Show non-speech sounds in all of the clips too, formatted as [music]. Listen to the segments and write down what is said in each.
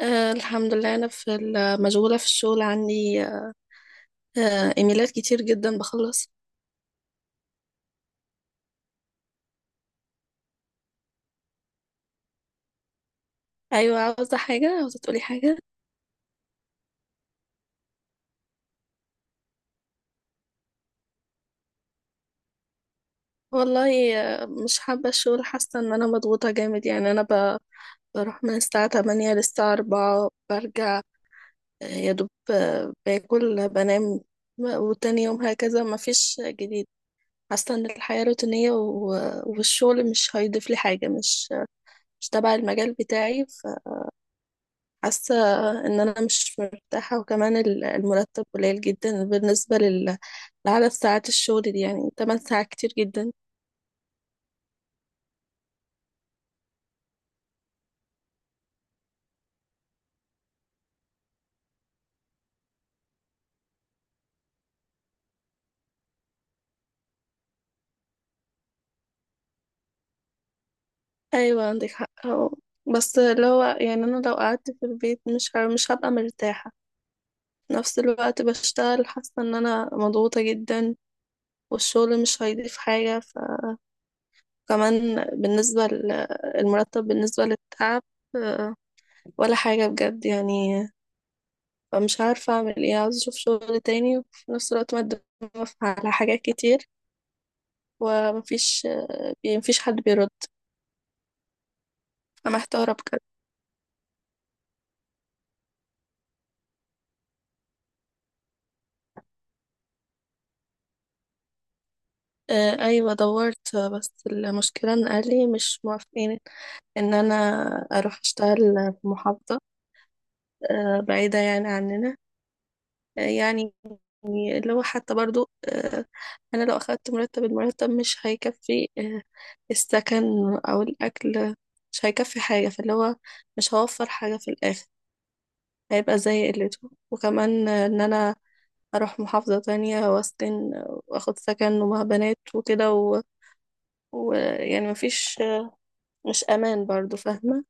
الحمد لله، أنا في مشغولة في الشغل عندي. إيميلات كتير جدا بخلص. أيوة، عاوزة تقولي حاجة؟ والله. مش حابة الشغل، حاسة إن أنا مضغوطة جامد، يعني أنا بروح من الساعة 8 للساعة 4 برجع. يا دوب باكل بنام، وتاني يوم هكذا، مفيش جديد. حاسة إن الحياة روتينية والشغل مش هيضيف لي حاجة، مش تبع المجال بتاعي. حاسة ان انا مش مرتاحة، وكمان المرتب قليل جدا بالنسبة لعدد ساعات الشغل دي، يعني 8 ساعات كتير جدا. ايوه، عندك حق أهو. بس اللي هو يعني انا لو قعدت في البيت مش مش هبقى مرتاحة، في نفس الوقت بشتغل حاسة ان انا مضغوطة جدا، والشغل مش هيضيف حاجة، فكمان بالنسبة للمرتب بالنسبة للتعب، آه، ولا حاجة بجد يعني. فمش عارفة أعمل إيه، عاوزة أشوف شغل تاني، وفي نفس الوقت مقدمة على حاجات كتير، ومفيش يعني مفيش حد بيرد، فمحتارة بجد. أيوة دورت، بس المشكلة إن أهلي مش موافقين إن أنا أروح أشتغل في محافظة بعيدة يعني عننا. يعني اللي هو حتى برضو أنا لو أخدت مرتب المرتب مش هيكفي، السكن أو الأكل مش هيكفي حاجة، فاللي هو مش هوفر حاجة في الآخر، هيبقى زي قلته، وكمان ان انا اروح محافظة تانية واسكن، واخد سكن ومع بنات وكده، ويعني مفيش، مش امان برضو، فاهمة؟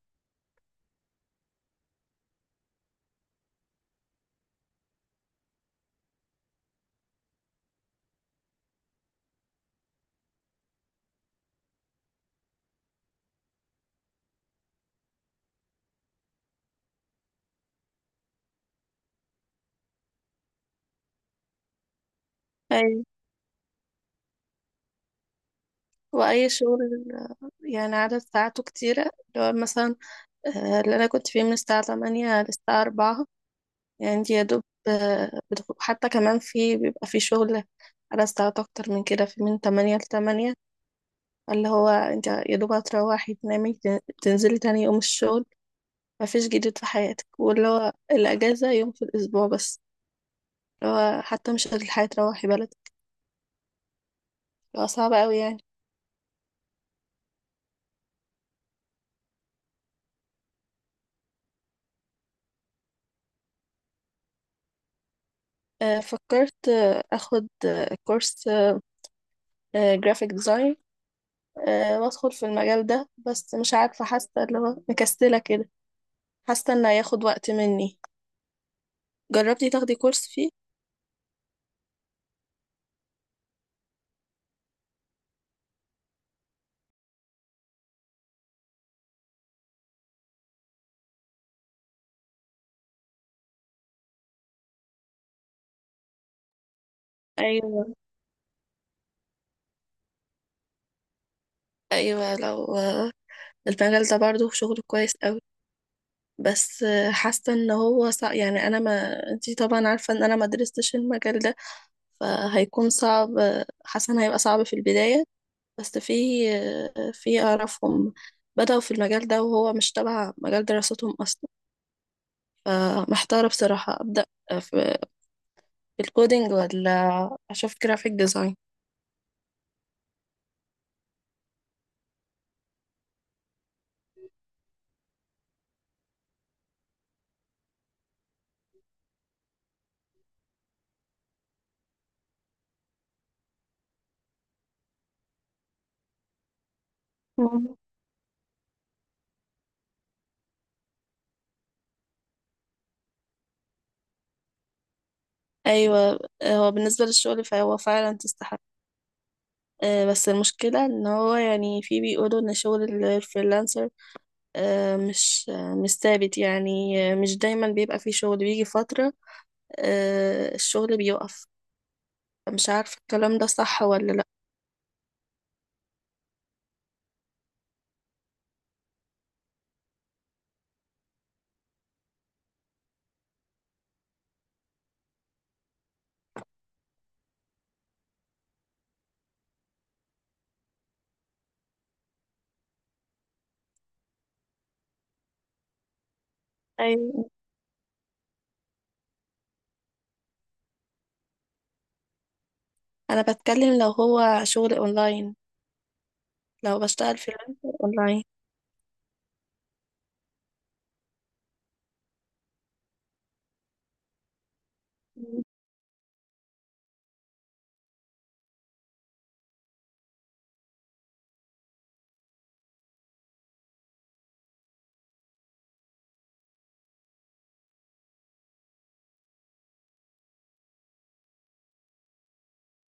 اي واي شغل يعني عدد ساعاته كتيرة، اللي هو مثلا اللي انا كنت فيه من الساعة 8 للساعة 4، يعني دي يا دوب، حتى كمان في بيبقى في شغل على ساعات اكتر من كده، في من 8 ل 8، اللي هو انت يا دوب هتروحي تنامي، تنزلي تاني يوم الشغل، مفيش جديد في حياتك، واللي هو الأجازة يوم في الأسبوع بس، اللي هو حتى مش الحياة تروحي بلدك، اللي هو صعب أوي يعني. فكرت، أخد كورس جرافيك ديزاين وأدخل في المجال ده، بس مش عارفة، حاسة اللي هو مكسلة كده، حاسة إنه هياخد وقت مني. جربتي تاخدي كورس فيه؟ أيوة. أيوة، لو المجال ده برضه شغله كويس أوي، بس حاسة إن هو يعني أنا، ما أنتي طبعا عارفة إن أنا ما درستش المجال ده، فهيكون صعب، حاسة إن هيبقى صعب في البداية، بس في أعرفهم بدأوا في المجال ده وهو مش تبع مجال دراستهم أصلا، فمحتارة بصراحة أبدأ في في الكودينج ولا أشوف جرافيك ديزاين. مم. أيوة. هو بالنسبة للشغل فهو فعلا تستحق، بس المشكلة إن هو يعني في بيقولوا إن شغل الفريلانسر مش ثابت، يعني مش دايما بيبقى فيه شغل، بيجي فترة الشغل بيقف، مش عارفة الكلام ده صح ولا لأ. ايوه. أنا بتكلم لو هو شغل أونلاين، لو بشتغل فريلانسر أونلاين.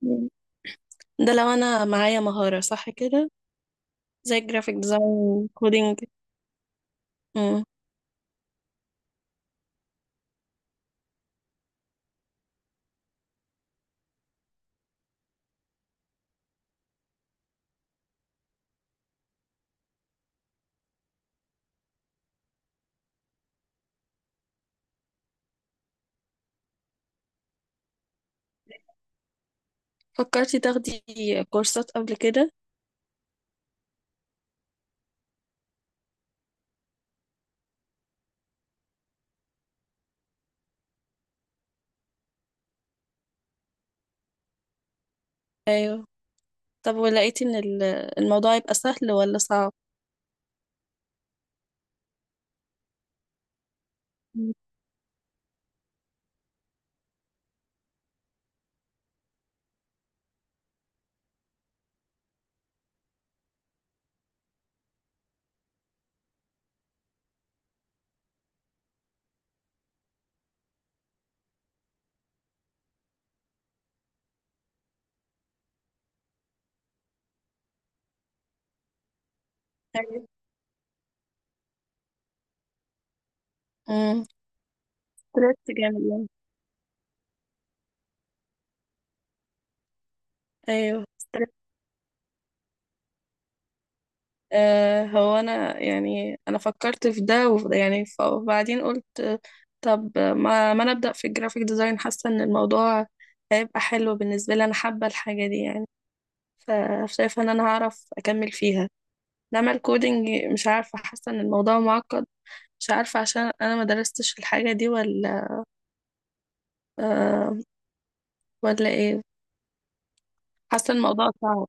مم. ده لو أنا معايا مهارة صح كده، زي جرافيك ديزاين كودينج. مم. فكرتي تاخدي كورسات قبل كده؟ أيوه. طب، ولقيتي إن الموضوع يبقى سهل ولا صعب؟ مم. أيوه. امم جامد يعني. أيوه. هو انا يعني انا فكرت في ده وفي ده، يعني وبعدين قلت طب ما انا ابدا في الجرافيك ديزاين، حاسه ان الموضوع هيبقى حلو بالنسبه لي، انا حابه الحاجه دي يعني، فشايفه ان انا هعرف اكمل فيها، انما الكودينج مش عارفه، حاسه ان الموضوع معقد، مش عارفه عشان انا ما درستش الحاجه دي، ولا آه ولا ايه، حاسه الموضوع صعب.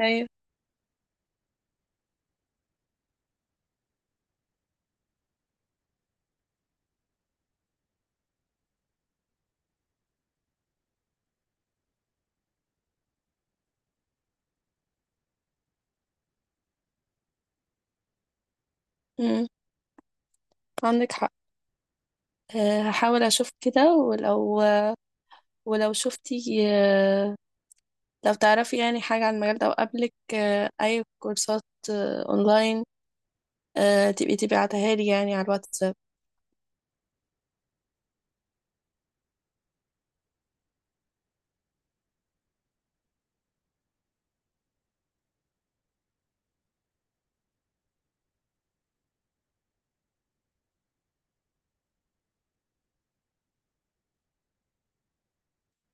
ايوه. مم، عندك حق. هحاول اشوف كده، ولو شفتي، لو تعرفي يعني حاجة عن المجال ده وقبلك أي كورسات أونلاين، تبقي تبعتها لي يعني على الواتساب.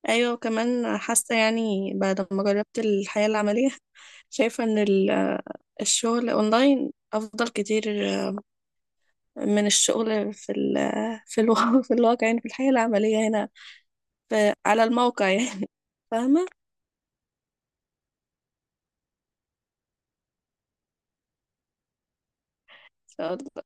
أيوة، وكمان حاسة يعني بعد ما جربت الحياة العملية [laughs] شايفة إن الشغل أونلاين أفضل كتير من الشغل في ال آه، في الواقع [laughs] في الواقع يعني في الحياة العملية هنا، في على الموقع يعني [laughs] فاهمة؟